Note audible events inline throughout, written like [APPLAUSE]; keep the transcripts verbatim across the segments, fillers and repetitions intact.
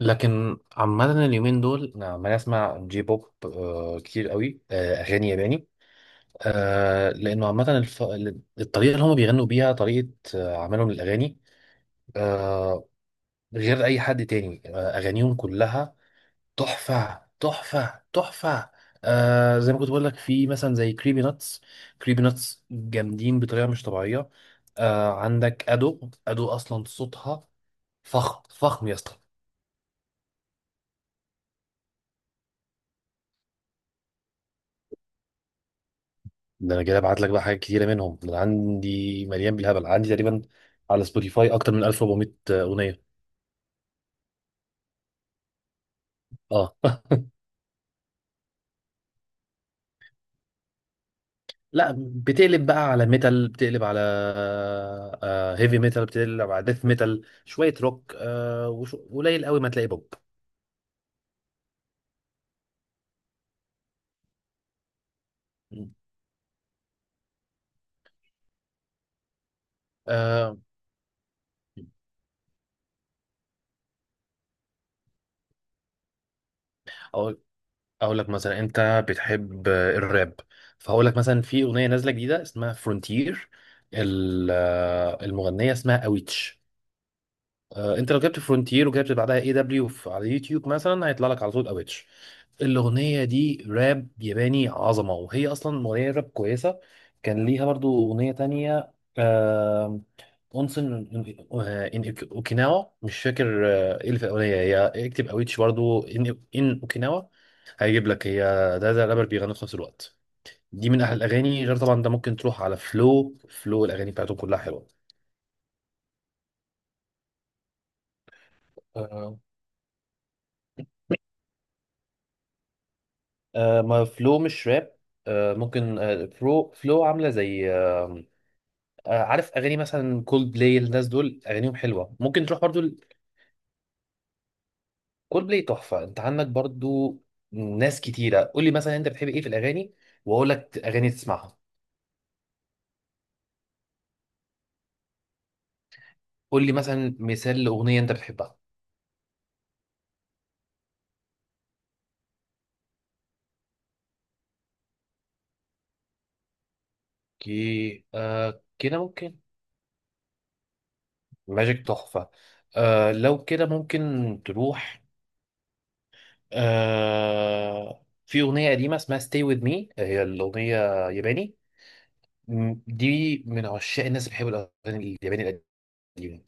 لكن عامة اليومين دول أنا عمال أسمع جي بوب، آه، كتير قوي، آه، أغاني ياباني، آه، لأنه عامة الف... الطريقة اللي هما بيغنوا بيها طريقة، آه، عملهم للأغاني، آه، غير أي حد تاني، آه، أغانيهم كلها تحفة تحفة تحفة. آه، زي ما كنت بقول لك في مثلا زي كريبي ناتس. كريبي ناتس جامدين بطريقة مش طبيعية. آه، عندك أدو أدو أصلا صوتها فخم فخم يا اسطى. ده انا جاي ابعت لك بقى حاجات كتيره منهم، ده أنا عندي مليان بالهبل، عندي تقريبا على سبوتيفاي اكتر من ألف وأربعمية اغنيه. اه [LAUGHS] لا، بتقلب بقى على ميتال، بتقلب على هيفي ميتال، بتقلب على ديث ميتال شويه روك، آه، وش- قليل قوي ما تلاقي بوب. آه، اقول اقول لك مثلا انت بتحب آه، الراب، فهقول لك مثلا في اغنيه نازله جديده اسمها فرونتير، المغنيه اسمها اويتش. آه، انت لو جبت فرونتير وجبت بعدها اي دبليو على اليوتيوب مثلا، هيطلع لك على طول اويتش. الاغنيه دي راب ياباني عظمه، وهي اصلا اغنيه راب كويسه. كان ليها برضو اغنيه تانية، آه، اونسن ان اوكيناوا، مش فاكر آه، ايه اللي في الاغنيه هي. اكتب اويتش برضو ان ان اوكيناوا، هيجيب لك هي. ده ده رابر بيغني في نفس الوقت. دي من احلى الاغاني. غير طبعا انت ممكن تروح على فلو فلو، الاغاني بتاعته كلها حلوه. آه، ما فلو مش راب، آه ممكن آه، فلو فلو عامله زي آه. آه، عارف اغاني مثلا كولد بلاي، الناس دول اغانيهم حلوه، ممكن تروح برضو. كولد بلاي تحفه. انت عندك برضو ناس كتيره. قول لي مثلا انت بتحب ايه في الاغاني، واقول لك اغاني تسمعها. قول لي مثلا مثال لاغنيه انت بتحبها. كي، آه، كده ممكن. ماجيك تحفه. آه لو كده ممكن تروح. آه في اغنيه قديمه اسمها ستي وذ مي، هي الاغنيه ياباني. مم. دي من عشاق الناس اللي بيحبوا الاغاني الياباني القديمه.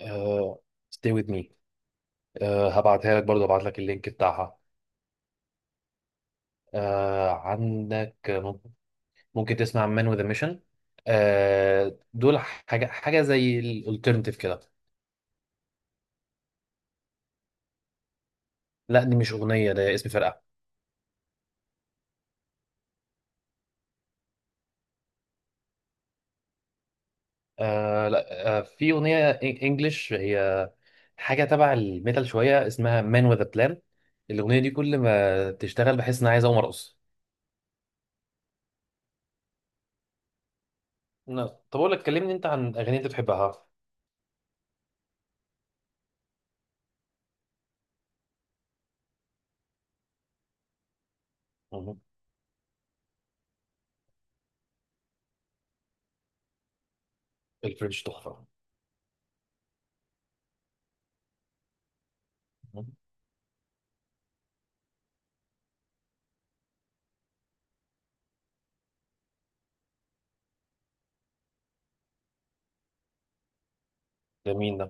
آه stay with me. آه، هبعتها لك برضه، هبعت لك اللينك بتاعها. آه عندك ممكن، ممكن تسمع مان وذ ميشن. آه دول حاجه حاجه زي الالترناتيف كده. لا، دي مش اغنيه، ده اسم فرقه. آه لا آه في اغنيه انجلش هي، حاجه تبع الميتال شويه، اسمها مان وذ بلان. الاغنيه دي كل ما تشتغل بحس ان انا عايز اقوم ارقص. لا. طب اقول لك، كلمني انت عن اغاني انت بتحبها. مم. الفرنش تحفة. مم. جميل ده.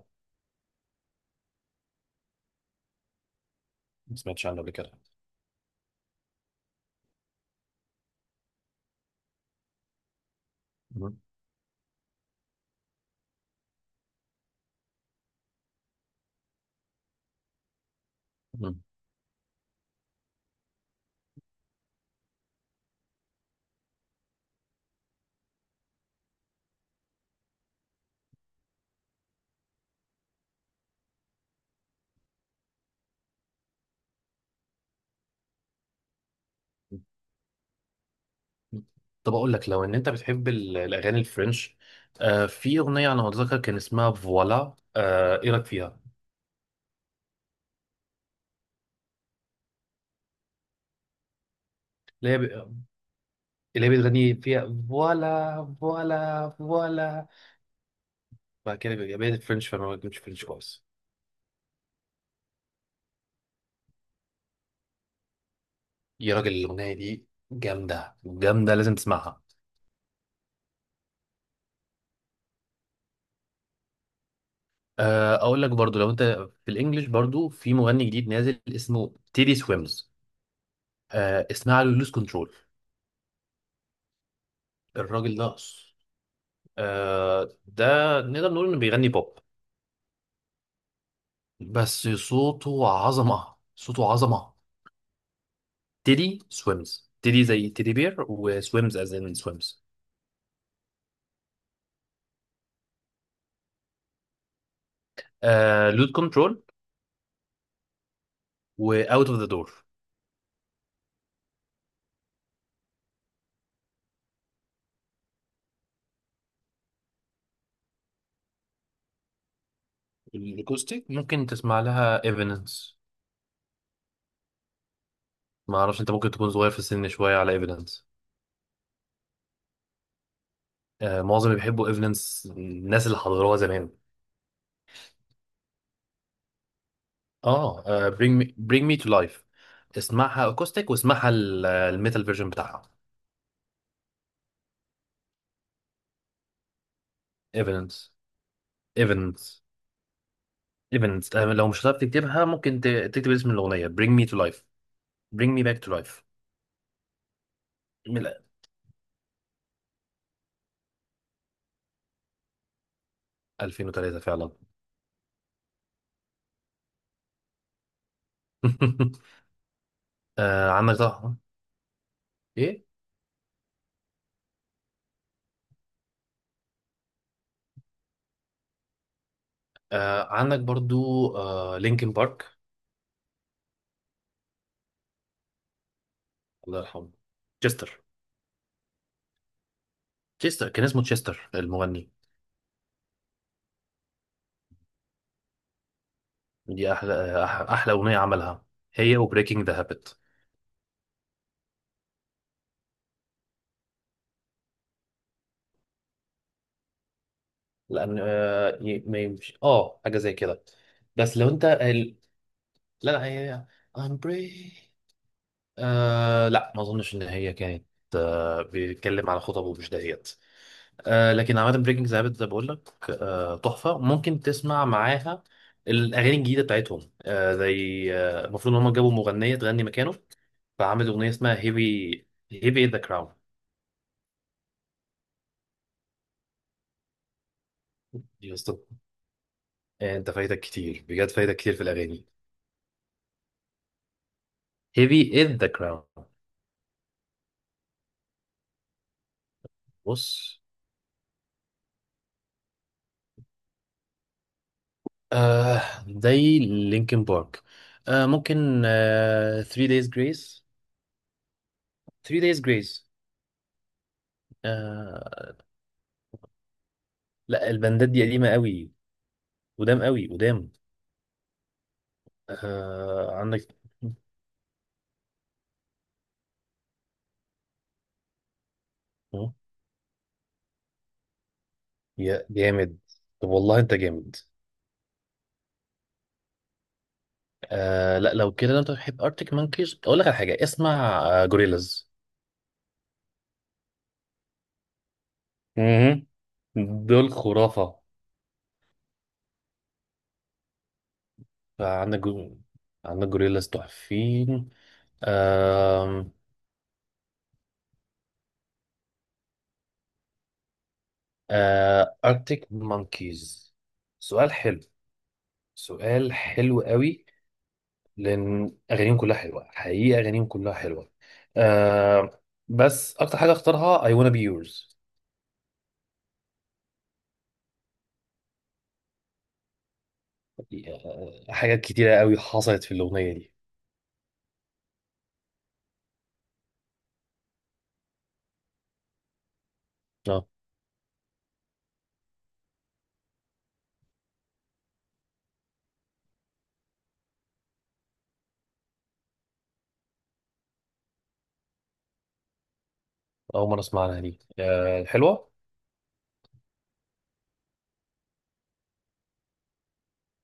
ما سمعتش عنه قبل كده. مم. مم. طب أقول لك لو إن أنت بتحب ال- الأغاني الفرنش، آه في أغنية أنا متذكر كان اسمها فوالا، آه إيه رأيك فيها؟ اللي هي ب- اللي هي بتغني فيها فوالا فوالا فوالا، بعد كده بيبقى بقيت فرنش فما بيكونش فرنش كويس. يا راجل، الأغنية دي جامدة جامدة، لازم تسمعها. آه أقول لك برضو لو أنت في الإنجليش، برضو في مغني جديد نازل اسمه تيدي سويمز، آه اسمها له لوز كنترول. الراجل ده، آه ده نقدر نقول انه بيغني بوب، بس صوته عظمة صوته عظمة. تيدي سويمز، تيدي زي تيدي بير، وسويمز از ان سويمز. آه لود كنترول، واوت اوف ذا دور. الاكوستيك ممكن تسمع لها ايفيدنس. ما اعرفش، انت ممكن تكون صغير في السن شوية على ايفيدنس. آه معظم اللي بيحبوا ايفيدنس الناس اللي حضروها زمان. اه، آه، bring me, bring me to life اسمعها اكوستيك واسمعها ال- الميتال فيرجن بتاعها. ايفيدنس. ايفنت. ايفنت، لو مش هتعرف تكتبها ممكن ت- تكتب اسم الاغنيه Bring me to life. Bring me back to life. من ألفين وتلاتة فعلا. [LAUGHS] آه عندك طه. ايه؟ آه عندك برضو آه لينكن بارك. الله يرحمه تشستر. تشستر كان اسمه تشستر المغني. دي احلى آه، أح- احلى اغنيه عملها، هي وبريكنج ذا هابت. لان آه ي- ما يمشي اه، حاجه زي كده. بس لو انت ال... لا لا، هي I'm breaking. آه لا ما اظنش ان هي كانت. آه بيتكلم على خطب ومش دهيت. آه لكن عامه بريكنج زي ما بقول لك، آه، تحفه، ممكن تسمع معاها الاغاني الجديده بتاعتهم. آه زي آه، المفروض ان هم جابوا مغنيه تغني مكانه، فعمل اغنيه اسمها هيفي، هيفي ذا كراون. يا اسطى، آه، انت فايتك كتير بجد، فايتك كتير في الاغاني. هيفي از ذا كراون. بص، آه زي لينكن بارك، آه ممكن آه ثري دايز جريس. ثري دايز جريس. آه لا، البندات دي قديمة قوي، قدام قوي قدام. آه عندك يا جامد، طب والله انت جامد. آه لا لو كده، لو انت بتحب ارتك مانكيز اقول لك على حاجة، اسمع آه جوريلاز. مهم. دول خرافة. عندك جو... عندك جوريلاز تحفين. آم، آه ارتك مانكيز، سؤال حلو، سؤال حلو قوي، لان اغانيهم كلها حلوه، حقيقه اغانيهم كلها حلوه. آه بس اكتر حاجه اختارها I wanna be yours. آه، حاجات كتيره قوي حصلت في الاغنيه دي. اه، اول مره اسمعها دي، آه حلوه.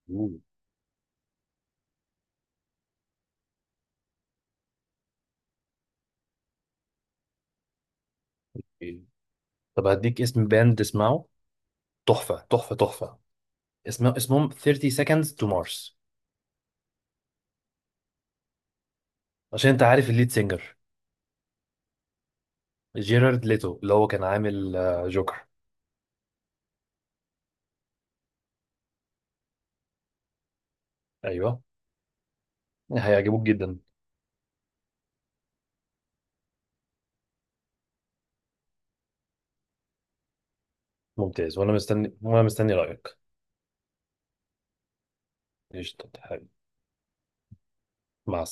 مم. طب هديك اسم باند تسمعه، تحفه تحفه تحفه، اسمه اسمهم ثيرتي seconds to Mars. عشان انت عارف الليد سينجر جيرارد ليتو اللي هو كان عامل آه، جوكر. ايوه، هيعجبوك جدا. ممتاز، وانا مستني وانا مستني رايك. قشطه حبيبي. مع